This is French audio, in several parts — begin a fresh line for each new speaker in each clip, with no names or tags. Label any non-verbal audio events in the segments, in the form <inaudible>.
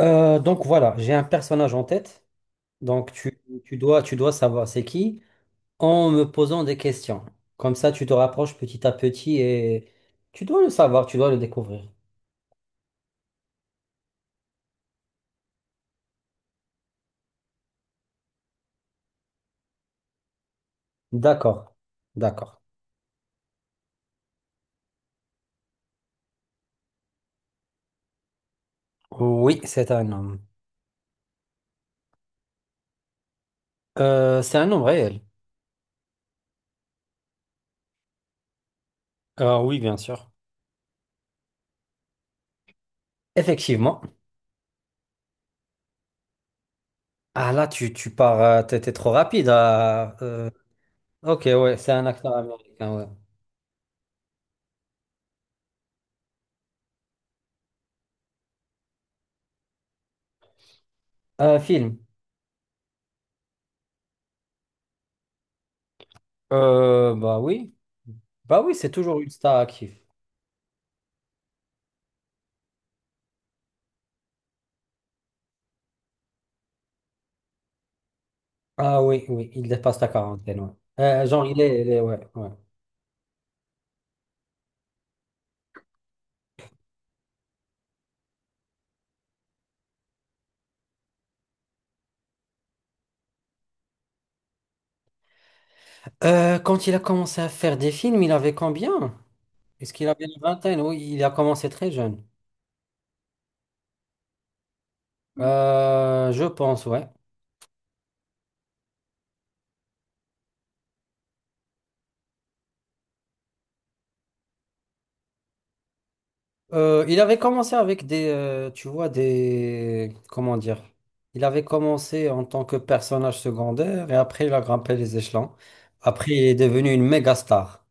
Donc voilà, j'ai un personnage en tête. Donc tu dois savoir c'est qui en me posant des questions. Comme ça, tu te rapproches petit à petit et tu dois le savoir, tu dois le découvrir. D'accord, d'accord. Oui, c'est un homme. C'est un homme réel. Ah oui, bien sûr. Effectivement. Ah là, tu pars, t'es trop rapide. Ah, ok, ouais, c'est un acteur américain, ouais. Film. Bah oui, bah oui, c'est toujours une star active. Ah oui, oui, il dépasse la quarantaine, ouais. Genre, ouais, ouais. Quand il a commencé à faire des films, il avait combien? Est-ce qu'il avait une vingtaine? Oui, il a commencé très jeune. Je pense, ouais. Il avait commencé avec des, tu vois, des, comment dire? Il avait commencé en tant que personnage secondaire et après il a grimpé les échelons. Après, il est devenu une méga star.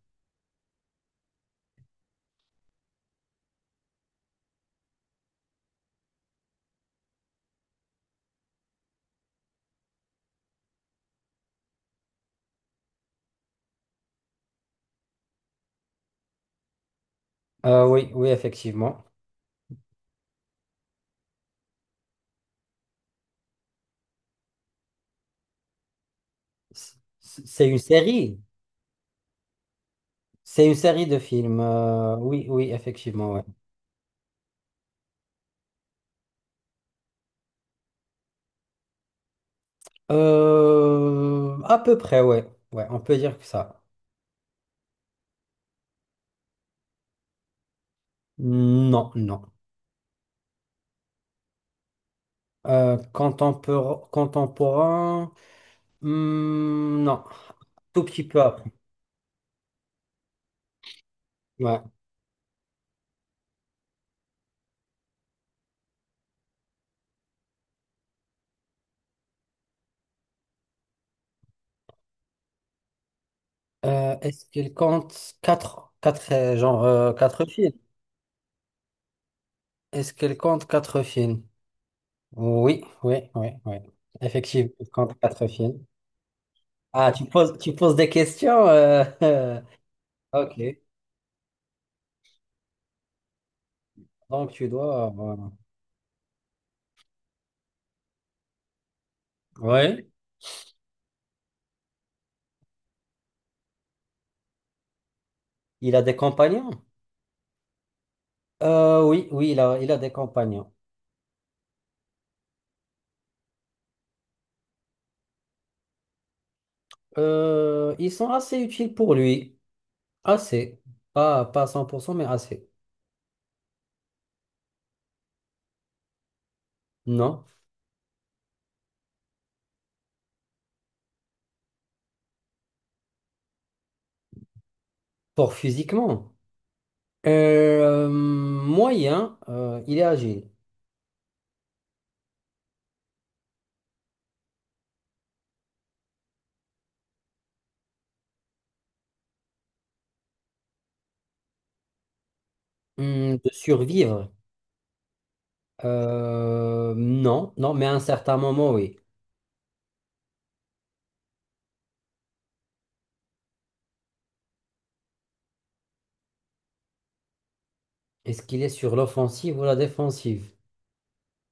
Oui, oui, effectivement. C- C'est une série. C'est une série de films. Oui, oui, effectivement, ouais. À peu près, ouais. Ouais, on peut dire que ça. Non, non. Contemporain, hmm, non. Tout petit peu après. Ouais. Est-ce qu'elle compte genre, quatre films? Est-ce qu'elle compte quatre films? Oui, oui, oui, oui. Effectivement, elle compte quatre films. Ah, tu poses des questions. <laughs> Ok. Donc, tu dois. Voilà. Oui. Il a des compagnons? Oui, oui, il a des compagnons. Ils sont assez utiles pour lui. Assez. Pas à cent, pour cent, mais assez. Non. Pour physiquement. Moyen, il est agile. De survivre. Non, non, mais à un certain moment, oui. Est-ce qu'il est sur l'offensive ou la défensive?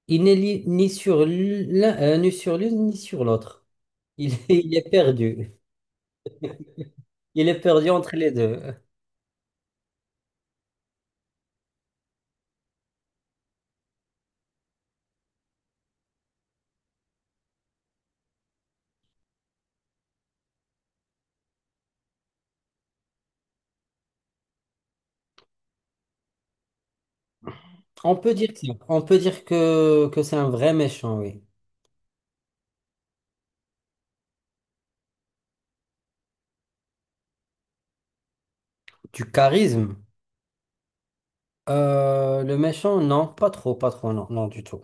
Il n'est ni sur l'un, ni sur l'une, ni sur l'autre. Il, <laughs> il est perdu. Il est perdu entre les deux. On peut dire que, on peut dire que c'est un vrai méchant, oui. Du charisme. Le méchant, non, pas trop, pas trop, non, non, du tout.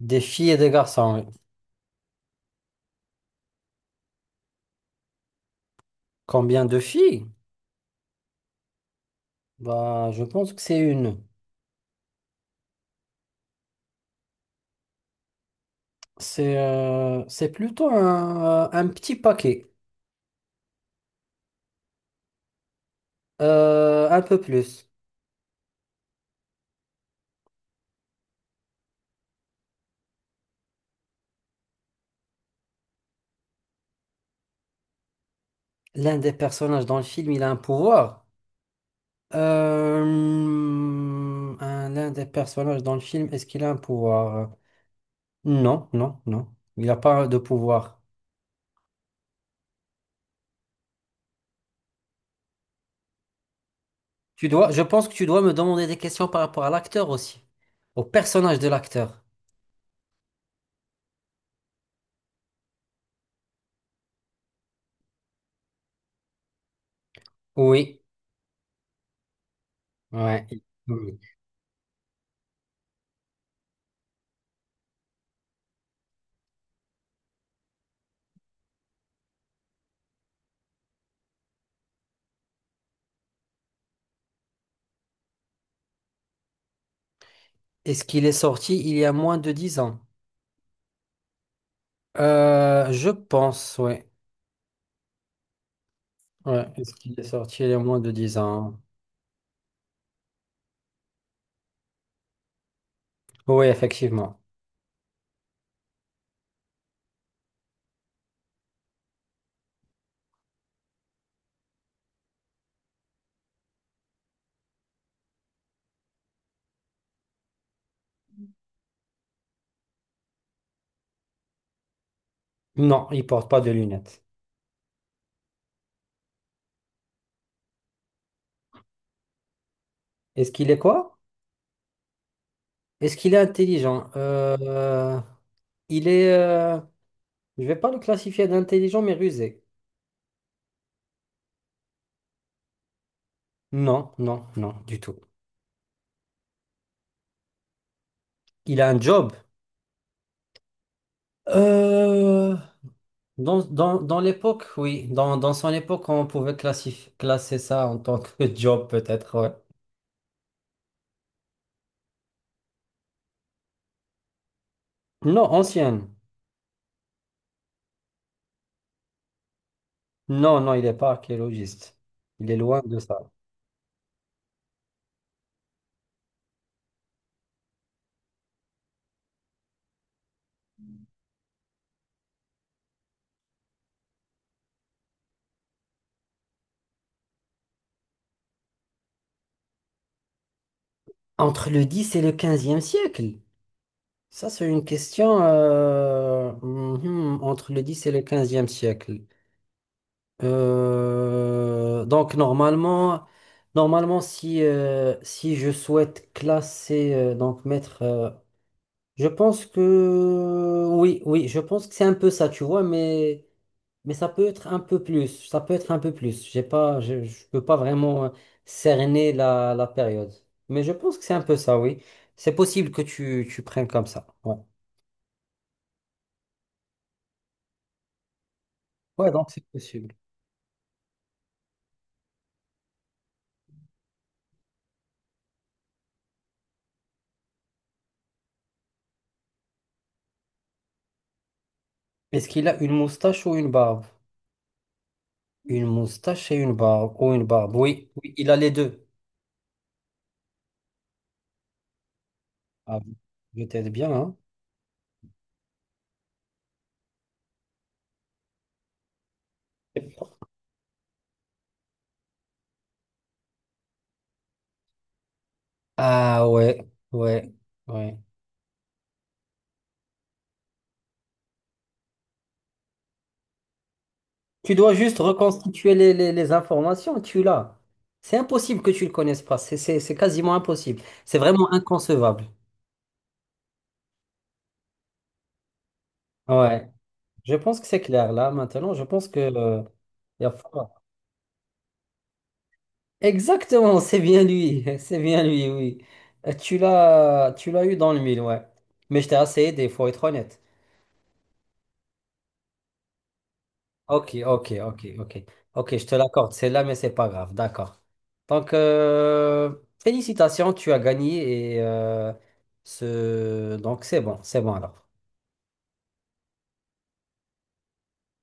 Des filles et des garçons, oui. Combien de filles? Bah, je pense que c'est une. C'est plutôt un petit paquet, un peu plus. L'un des personnages dans le film, il a un pouvoir. Euh, L'un des personnages dans le film, est-ce qu'il a un pouvoir? Non, non, non. Il n'a pas de pouvoir. Je pense que tu dois me demander des questions par rapport à l'acteur aussi, au personnage de l'acteur. Oui, ouais. Oui. Est-ce qu'il est sorti il y a moins de 10 ans? Je pense, oui. Ouais. Est-ce qu'il est sorti il y a moins de dix ans? Oui, effectivement. Non, il porte pas de lunettes. Est-ce qu'il est quoi? Est-ce qu'il est intelligent? Il est... euh, je vais pas le classifier d'intelligent, mais rusé. Non, non, non, du tout. Il a un job. Euh, dans l'époque, oui. Dans son époque, on pouvait classer ça en tant que <laughs> job, peut-être, ouais. Non, ancienne. Non, non, il n'est pas archéologiste. Il est loin de ça. Entre le dix et le XVe siècle? Ça, c'est une question. Mhm, entre le 10 et le quinzième siècle. Donc, normalement, si je souhaite classer, donc mettre. Je pense que oui, oui, je pense que c'est un peu ça, tu vois, mais ça peut être un peu plus, ça peut être un peu plus. J'ai pas, je peux pas vraiment cerner la période, mais je pense que c'est un peu ça, oui. C'est possible que tu prennes comme ça. Ouais, ouais, donc c'est possible. Est-ce qu'il a une moustache ou une barbe? Une moustache et une barbe ou une barbe? Oui, oui, il a les deux. Ah, je t'aide bien, hein? Ah ouais, ouais, ouais. Tu dois juste reconstituer les informations, tu l'as. C'est impossible que tu le connaisses pas. C'est quasiment impossible. C'est vraiment inconcevable. Ouais. Je pense que c'est clair là maintenant. Je pense que il y a fort. Exactement, c'est bien lui. <laughs> C'est bien lui, oui. Tu l'as eu dans le mille, ouais. Mais je t'ai assez aidé, il faut être honnête. Ok, ok, ok, ok. Ok, je te l'accorde, c'est là, mais c'est pas grave, d'accord. Donc, félicitations, tu as gagné et donc c'est bon alors.